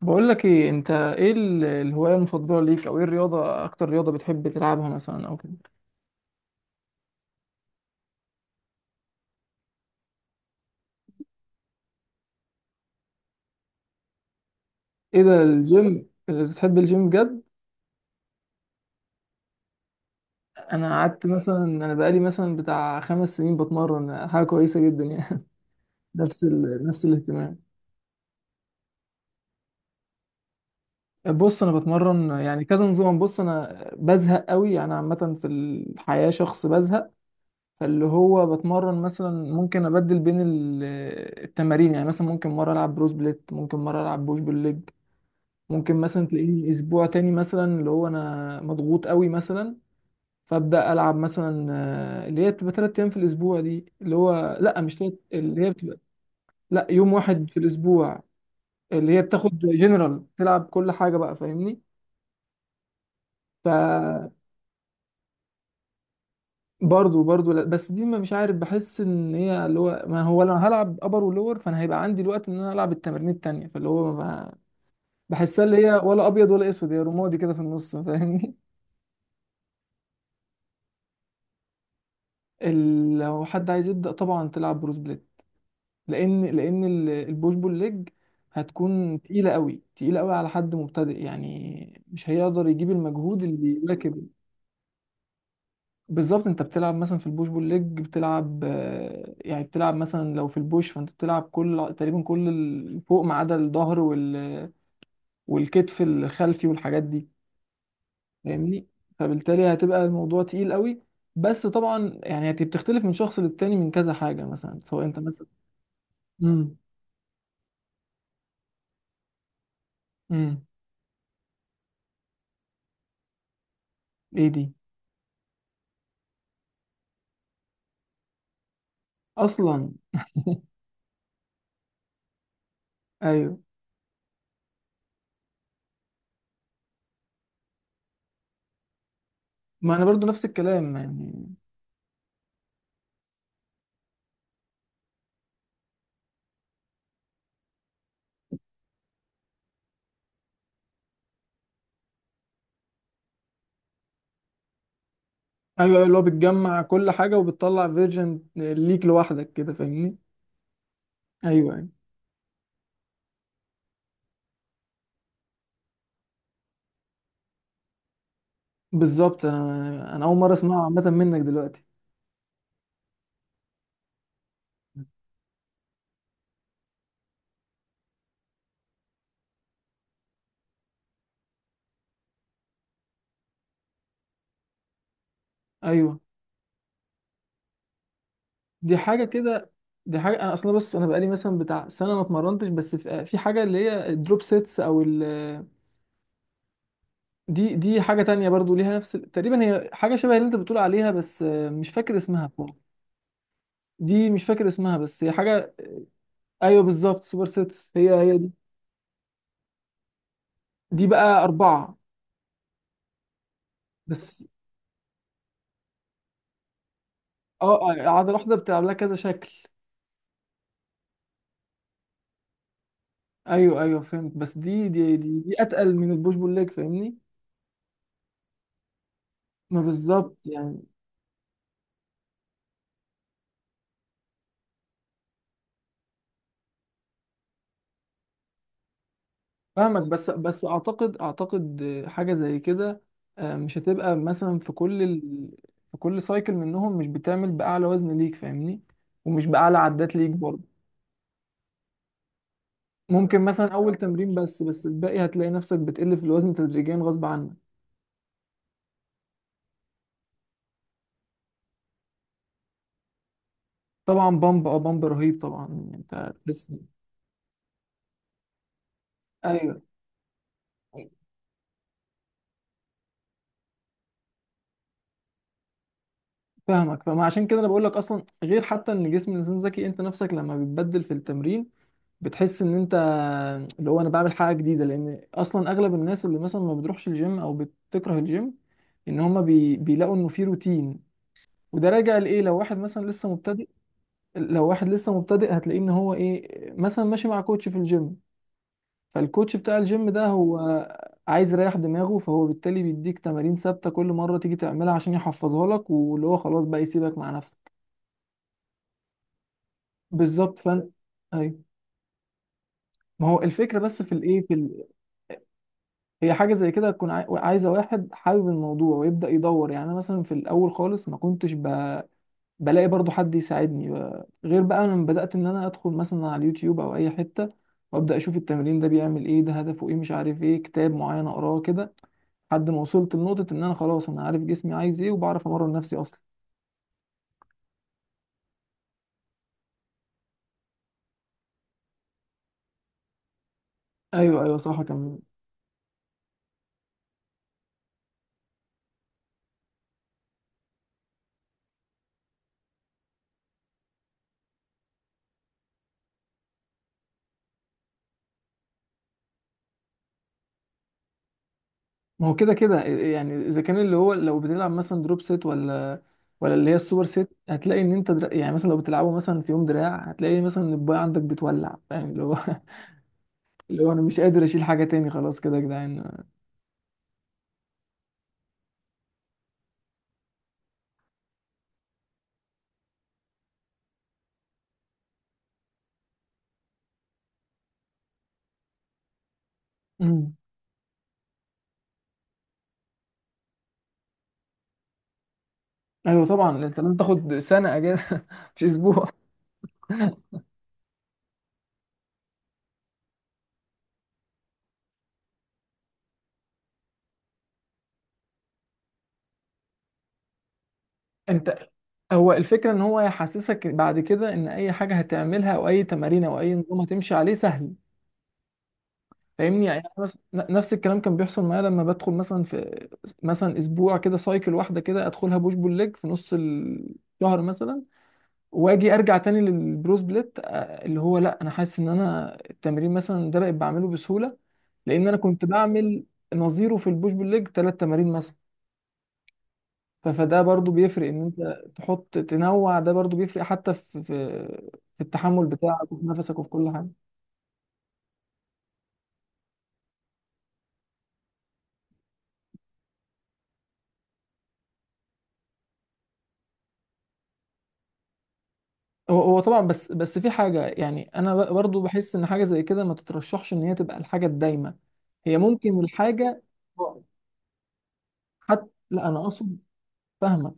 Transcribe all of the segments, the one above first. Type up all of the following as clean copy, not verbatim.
بقول لك ايه، انت ايه الهواية المفضلة ليك؟ او ايه الرياضة؟ اكتر رياضة بتحب تلعبها مثلا او كده. ايه ده، الجيم؟ بتحب الجيم بجد؟ انا قعدت مثلا، انا بقالي مثلا بتاع خمس سنين بتمرن، حاجة كويسة جدا يعني. نفس الاهتمام. بص انا بتمرن يعني كذا نظام. بص انا بزهق قوي، انا عامة في الحياة شخص بزهق. فاللي هو بتمرن مثلا، ممكن ابدل بين التمارين. يعني مثلا ممكن مرة العب بروس بليت، ممكن مرة العب بوش بالليج. ممكن مثلا تلاقيني اسبوع تاني مثلا اللي هو انا مضغوط قوي مثلا، فابدا العب مثلا آه، اللي هي بتبقى تلات ايام في الاسبوع. دي اللي هو لا مش تلات، اللي هي بتبقى لا يوم واحد في الاسبوع، اللي هي بتاخد جنرال تلعب كل حاجه بقى، فاهمني. ف برضه لا، بس دي ما مش عارف، بحس ان هي اللي هو ما هو انا هلعب ابر ولور، فانا هيبقى عندي الوقت ان انا العب التمارين التانيه، فاللي هو ما بحسها اللي هي ولا ابيض ولا اسود، هي رمادي كده في النص، فاهمني. لو حد عايز يبدأ طبعا تلعب بروس بليت، لأن البوش بول ليج هتكون تقيلة قوي، تقيلة قوي على حد مبتدئ. يعني مش هيقدر يجيب المجهود اللي راكب. بالظبط، انت بتلعب مثلا في البوش بول ليج بتلعب آه، يعني بتلعب مثلا لو في البوش، فانت بتلعب كل تقريبا فوق ما عدا الظهر والكتف الخلفي والحاجات دي، فاهمني. فبالتالي هتبقى الموضوع تقيل قوي. بس طبعا يعني بتختلف من شخص للتاني من كذا حاجة مثلا، سواء انت مثلا. مم. امم ايه دي؟ اصلا؟ ايوه، ما انا برضو نفس الكلام يعني. ايوه، أيوة، اللي هو بتجمع كل حاجه وبتطلع فيرجن ليك لوحدك كده، فاهمني. ايوه ايوه. بالظبط، انا انا اول مره اسمعها عامه منك دلوقتي. ايوه، دي حاجه كده. دي حاجه انا اصلا، بص انا بقالي مثلا بتاع سنه ما اتمرنتش، بس في حاجه اللي هي الدروب سيتس او ال، دي دي حاجه تانية برضو ليها نفس تقريبا، هي حاجه شبه اللي انت بتقول عليها، بس مش فاكر اسمها فوق. دي مش فاكر اسمها بس هي حاجه. ايوه بالظبط، سوبر سيتس هي هي دي. دي بقى اربعه بس. اه آه، عضله واحده بتلعب لها كذا شكل. ايوه ايوه فهمت، بس دي اتقل من البوش بول ليج، فاهمني. ما بالظبط يعني. فاهمك، بس اعتقد حاجه زي كده. آه، مش هتبقى مثلا في كل سايكل منهم مش بتعمل باعلى وزن ليك، فاهمني؟ ومش باعلى عدات ليك برضه. ممكن مثلا اول تمرين بس، بس الباقي هتلاقي نفسك بتقل في الوزن تدريجيا غصب عنك. طبعا بامب، بامب رهيب طبعا، يعني انت لسه. ايوه، فاهمك. فما عشان كده انا بقول لك اصلا، غير حتى ان جسم الانسان ذكي، انت نفسك لما بتبدل في التمرين بتحس ان انت اللي هو انا بعمل حاجه جديده. لان اصلا اغلب الناس اللي مثلا ما بتروحش الجيم او بتكره الجيم، ان هما بيلاقوا انه في روتين. وده راجع لايه، لو واحد مثلا لسه مبتدئ. لو واحد لسه مبتدئ هتلاقيه ان هو ايه، مثلا ماشي مع كوتش في الجيم، فالكوتش بتاع الجيم ده هو عايز يريح دماغه، فهو بالتالي بيديك تمارين ثابته كل مره تيجي تعملها عشان يحفظها لك، واللي هو خلاص بقى يسيبك مع نفسك. بالظبط، فانت ايوه. ما هو الفكره، بس في الايه في ال... هي حاجه زي كده تكون عايزه واحد حابب الموضوع ويبدا يدور. يعني انا مثلا في الاول خالص ما كنتش بلاقي برضو حد يساعدني غير بقى لما بدات ان انا ادخل مثلا على اليوتيوب او اي حته، وابدا اشوف التمرين ده بيعمل ايه، ده هدفه ايه، مش عارف ايه، كتاب معين اقراه كده، لحد ما وصلت لنقطة إن أنا خلاص أنا عارف جسمي عايز إيه، وبعرف أمرن نفسي أصلا. أيوه أيوه صح، كان. ما هو كده كده يعني، إذا كان اللي هو لو بتلعب مثلا دروب سيت، ولا ولا اللي هي السوبر سيت، هتلاقي إن أنت يعني مثلا لو بتلعبه مثلا في يوم دراع، هتلاقي مثلا إن الباي عندك بتولع، فاهم اللي هو اللي هو أنا مش قادر أشيل حاجة تاني، خلاص كده يا جدعان. أمم. أيوه طبعا، أنت لازم تاخد سنة أجازة مش أسبوع. أنت هو الفكرة، إن هو يحسسك بعد كده إن أي حاجة هتعملها أو أي تمارين أو أي نظام هتمشي عليه سهل، فاهمني. يعني أنا مثلا نفس الكلام كان بيحصل معايا، لما بدخل مثلا في مثلا اسبوع كده سايكل واحده كده، ادخلها بوش بول ليج في نص الشهر مثلا، واجي ارجع تاني للبرو سبليت. آه، اللي هو لا انا حاسس ان انا التمرين مثلا ده بقيت بعمله بسهوله، لان انا كنت بعمل نظيره في البوش بول ليج ثلاث تمارين مثلا. فده برضو بيفرق، ان انت تحط تنوع ده برضو بيفرق، حتى في في في التحمل بتاعك وفي نفسك وفي كل حاجه. هو هو طبعا، بس في حاجة يعني أنا برضو بحس إن حاجة زي كده ما تترشحش إن هي تبقى الحاجة الدايمة. هي ممكن الحاجة، حتى لا أنا أقصد، فاهمة.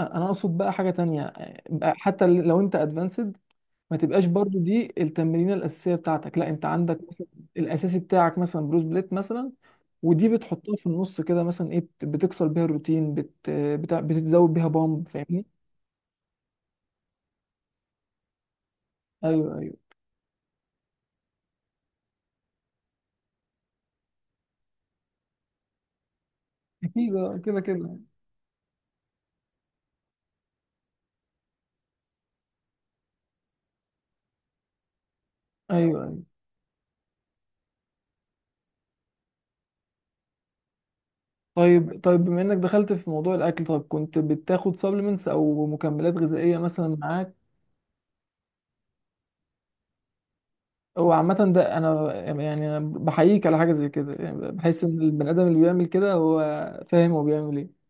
أنا أقصد بقى حاجة تانية، بقى حتى لو أنت أدفانسد ما تبقاش برضو دي التمرينة الأساسية بتاعتك. لا أنت عندك مثلا الأساسي بتاعك مثلا بروس بليت مثلا، ودي بتحطها في النص كده مثلا، إيه بتكسر بيها الروتين، بتتزود بيها بامب، فاهمني؟ أيوه أيوه أكيد، آه، كده كده. أيوه أيوه، طيب طيب، بما انك دخلت في موضوع الاكل، طيب كنت بتاخد سبلمنتس او مكملات غذائيه مثلا معاك؟ او عامه ده انا. يعني أنا بحييك على حاجه زي كده، يعني بحس ان البني ادم اللي بيعمل كده هو فاهم هو بيعمل ايه.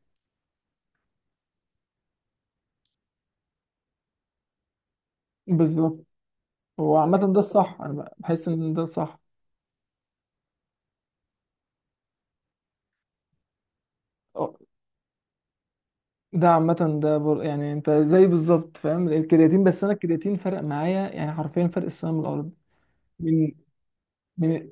بالظبط. هو عامه ده الصح، انا بحس ان ده الصح. أه، ده عامه ده بر... يعني انت زي بالظبط، فاهم الكرياتين. بس انا الكرياتين فرق معايا يعني حرفيا فرق السنه من الارض. من من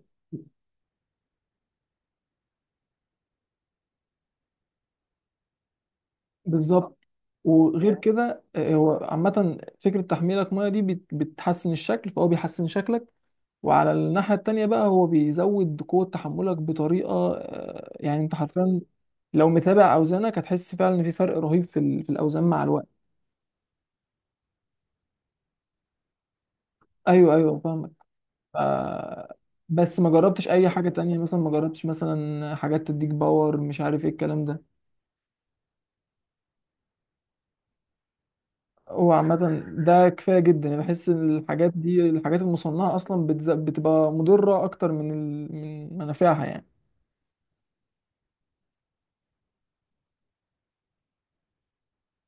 بالظبط. وغير كده آه، هو عامة فكرة تحميلك مية دي بتحسن الشكل، فهو بيحسن شكلك. وعلى الناحية التانية بقى، هو بيزود قوة تحملك بطريقة آه، يعني انت حرفيا لو متابع أوزانك هتحس فعلا إن في فرق رهيب في في الأوزان مع الوقت. أيوه أيوه فاهمك. آه، بس ما جربتش أي حاجة تانية مثلا، ما جربتش مثلا حاجات تديك باور، مش عارف ايه الكلام ده. هو عامة ده كفاية جدا، يعني بحس إن الحاجات دي الحاجات المصنعة أصلا بتبقى مضرة أكتر من منافعها يعني.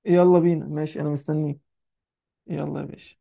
يلا بينا ماشي، أنا مستنيك. يلا يا باشا.